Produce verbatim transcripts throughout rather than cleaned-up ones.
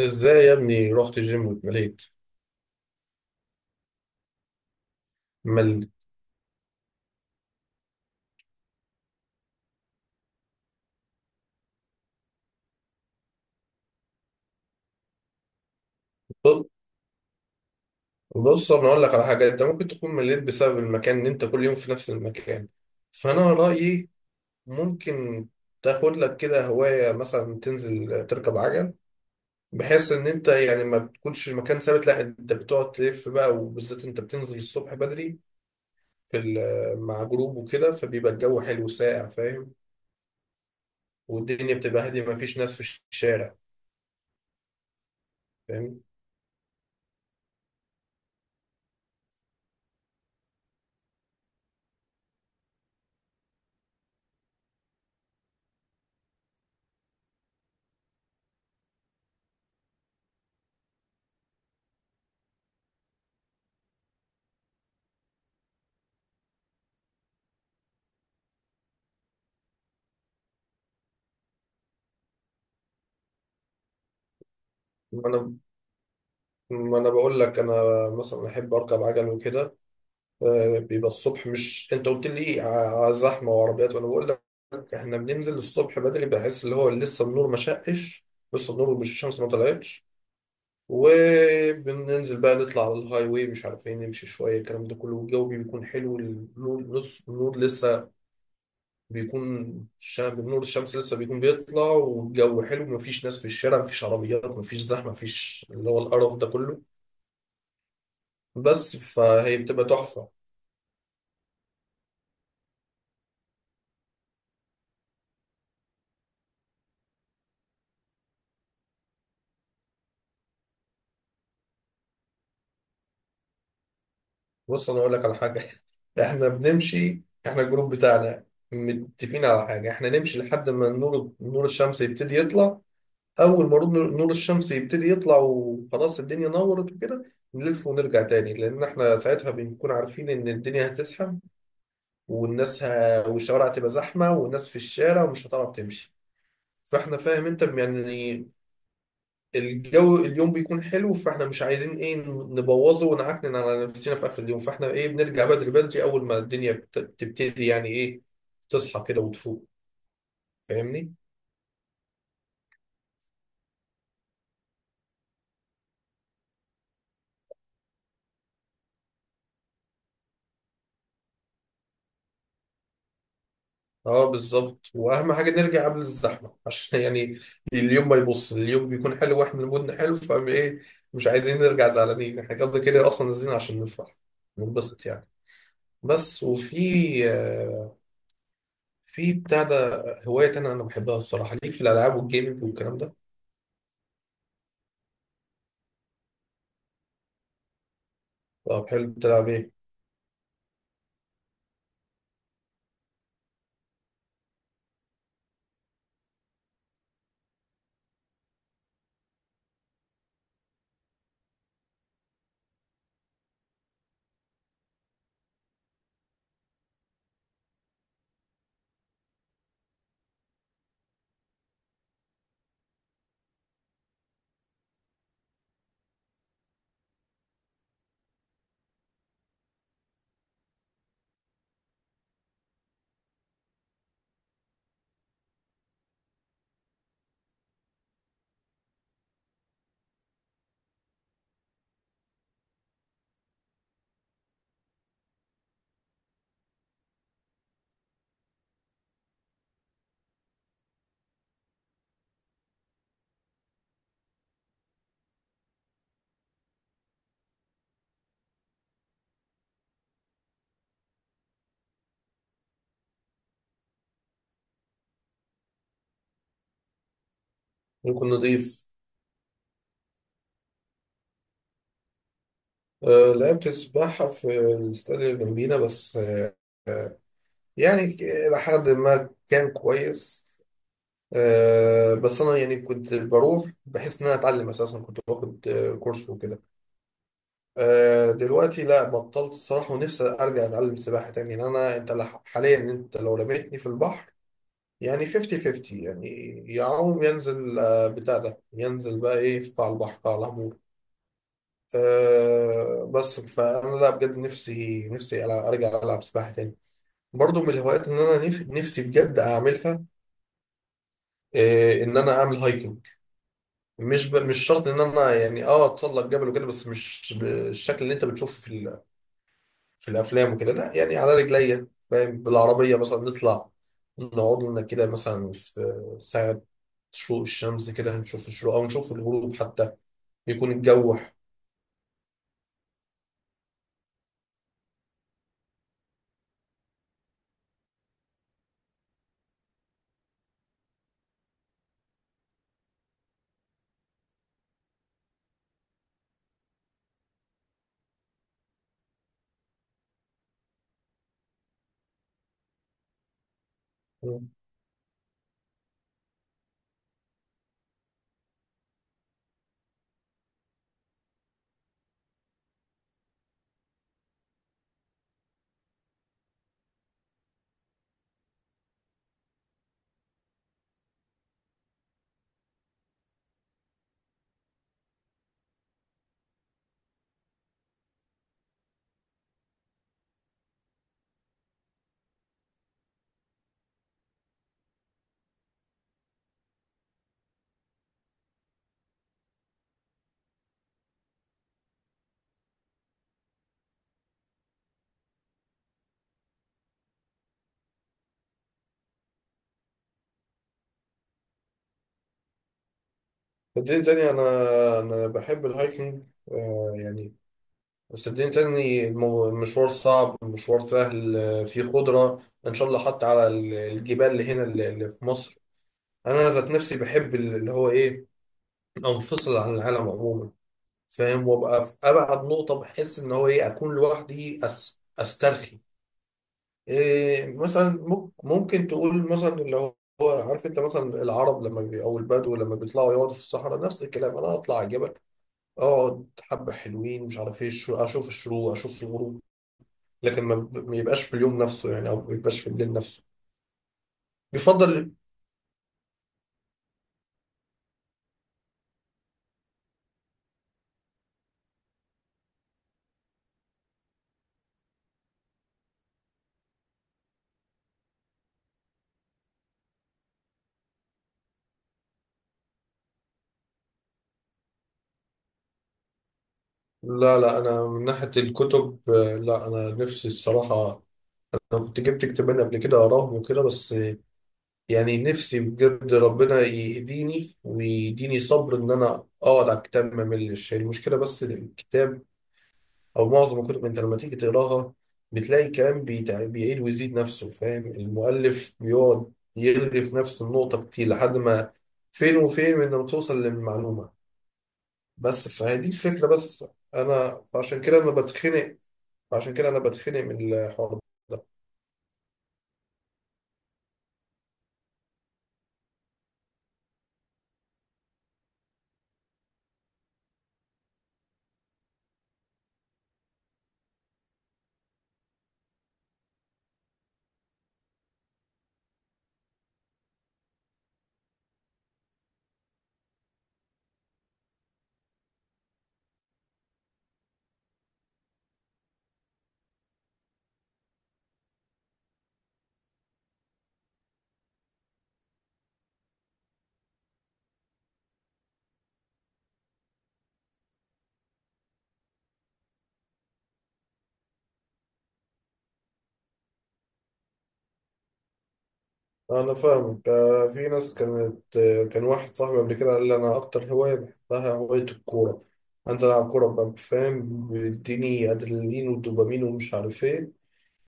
ازاي يا ابني رحت جيم واتمليت مل؟ ب- بص انا اقول لك على حاجه، انت ممكن تكون مليت بسبب المكان، ان انت كل يوم في نفس المكان، فانا رايي ممكن تاخد لك كده هوايه، مثلا تنزل تركب عجل، بحيث ان انت يعني ما بتكونش المكان ثابت، لا انت بتقعد تلف بقى، وبالذات انت بتنزل الصبح بدري في ال- مع جروب وكده، فبيبقى الجو حلو ساقع، فاهم؟ والدنيا بتبقى هاديه، ما فيش ناس في الشارع. فاهم؟ ما انا بقول لك انا مثلا احب اركب عجل وكده. آه، بيبقى الصبح، مش انت قلت لي إيه، ع- زحمه وعربيات؟ وانا بقول لك احنا بننزل الصبح بدري، بحس اللي هو لسه النور ما شقش، لسه النور، مش الشمس ما طلعتش، وبننزل بقى نطلع على الهاي واي، مش عارفين نمشي شويه الكلام ده كله، والجو بيكون حلو، النور لص- النور لسه بيكون، الش- نور الشمس لسه بيكون بيطلع، والجو حلو، مفيش ناس في الشارع، مفيش عربيات، مفيش زحمه، مفيش اللي هو القرف ده كله، بس فهي بتبقى تحفة. بص أنا أقول لك على حاجة. إحنا بنمشي، إحنا الجروب بتاعنا متفقين على حاجة، إحنا نمشي لحد ما نور نور الشمس يبتدي يطلع، أول ما نور نور الشمس يبتدي يطلع وخلاص الدنيا نورت وكده، نلف ونرجع تاني، لأن إحنا ساعتها بنكون عارفين إن الدنيا هتزحم، والناس ه... والشوارع هتبقى زحمة والناس في الشارع، ومش هتعرف تمشي، فإحنا، فاهم أنت يعني، الجو اليوم بيكون حلو، فاحنا مش عايزين ايه، نبوظه ونعكنن على نفسنا في اخر اليوم، فاحنا ايه، بنرجع بدري بدري، اول ما الدنيا بت- بتبتدي يعني ايه، تصحى كده وتفوق. فاهمني؟ اه بالظبط، واهم حاجه نرجع قبل الزحمه عشان يعني اليوم ما يبص، اليوم بيكون حلو واحنا مودنا حلو، فاهم ايه، مش عايزين نرجع زعلانين، احنا كده كده اصلا نازلين عشان نفرح، ننبسط يعني. بس وفي، آه، في بتاع ده، هوايه تانية انا بحبها الصراحه ليك، في الالعاب والجيمنج والكلام ده. طب حلو، بتلعب ايه؟ ممكن نضيف. آه، لعبت السباحة في الاستاد اللي جنبينا، بس آه، يعني ك- إلى حد ما كان كويس، آه، بس أنا يعني كنت بروح بحس إن أنا أتعلم أساسا، كنت باخد آه، كورس وكده. آه، دلوقتي لا بطلت الصراحة، ونفسي أرجع أتعلم سباحة تاني، لأن أنا أنت لح- حاليا أنت لو رميتني في البحر يعني خمسين خمسين يعني، يعوم ينزل آه، بتاع ده، ينزل بقى إيه في قاع البحر، قاع العمود. أه بس فانا لا بجد نفسي، نفسي ألع- ارجع العب سباحه تاني. برضو من الهوايات اللي انا نف- نفسي بجد اعملها، أه ان انا اعمل هايكنج، مش ب... مش شرط ان انا يعني اه اتسلق جبل وكده، بس مش بالشكل اللي انت بتشوفه في ال... في الافلام وكده، لا يعني على رجليا، فاهم، بالعربيه مثلا نطلع نقعد لنا كده مثلا في ساعه شروق الشمس كده، هنشوف الشروق او نشوف الغروب حتى، بيكون الجو. صدقني تاني أنا، أنا بحب الهايكنج، آه يعني، بس صدقني تاني المو- المشوار صعب، المشوار سهل، آه، فيه خضرة إن شاء الله، حتى على ال- الجبال اللي هنا، اللي اللي في مصر. أنا ذات نفسي بحب ال- اللي هو إيه، أنفصل عن العالم عموما، فاهم، وأبقى في أبعد نقطة، بحس إن هو إيه أكون لوحدي، أس أسترخي إيه، مثلا مك- ممكن تقول مثلا اللي هو، هو عارف أنت مثلا العرب لما بي، أو البدو لما بيطلعوا يقعدوا في الصحراء، نفس الكلام أنا أطلع الجبل، اقعد حبة حلوين، مش عارف ايه، الشروق، اشوف الشروق اشوف الغروب، لكن ما ما يبقاش في اليوم نفسه يعني، او ما يبقاش في الليل نفسه، يفضل. لا لا انا من ناحية الكتب، آه، لا انا نفسي الصراحة، انا كنت جبت كتابين قبل كده اقراهم وكده، بس آه، يعني نفسي بجد ربنا يهديني ويديني صبر ان انا اقعد على الكتاب ما ملش، المشكلة بس الكتاب او معظم الكتب، انت لما تيجي تقراها بتلاقي الكلام بيتع... بيعيد ويزيد نفسه، فاهم، المؤلف بيقعد يرغي في نفس النقطة كتير، لحد ما فين وفين من لما توصل للمعلومة، بس فهذه الفكرة بس. انا عشان كده انا بتخنق، عشان كده انا بتخنق من الحوار ده. انا فاهمك، آه، في ناس كانت، آه، كان واحد صاحبي قبل كده قال لي انا اكتر هواية بحبها هواية الكورة، انزل العب كورة ببقى فاهم، بيديني ادرينالين ودوبامين ومش عارف ايه،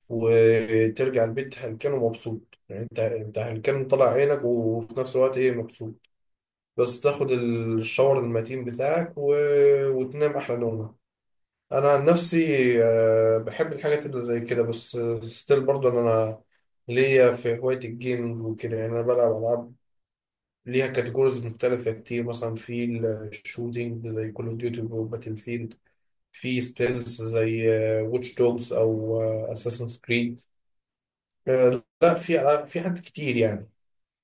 وترجع البيت هلكان ومبسوط، يعني انت انت هلكان طالع عينك، وفي نفس الوقت ايه، مبسوط، بس تاخد الشاور المتين بتاعك، و... وتنام احلى نومه. انا عن نفسي آه، بحب الحاجات اللي زي كده، بس ستيل برضه ان انا ليا في هواية الجيمنج وكده، يعني انا بلعب العاب ليها كاتيجوريز مختلفة كتير، مثلا في الشوتينج زي كول اوف ديوتي وباتل فيلد، في ستيلز زي واتش دوجز او اساسن كريد، آه، لا في ألعاب، في حاجات كتير يعني،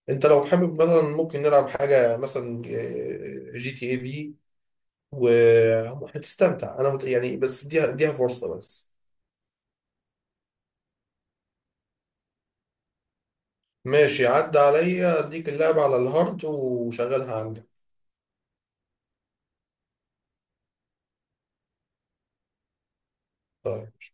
انت لو حابب مثلا ممكن نلعب حاجه مثلا آه، جي تي اي في، وهتستمتع، انا مت... يعني بس اديها، اديها فرصه بس. ماشي عدى عليا، اديك اللعبه على الهارد وشغلها عندك. طيب.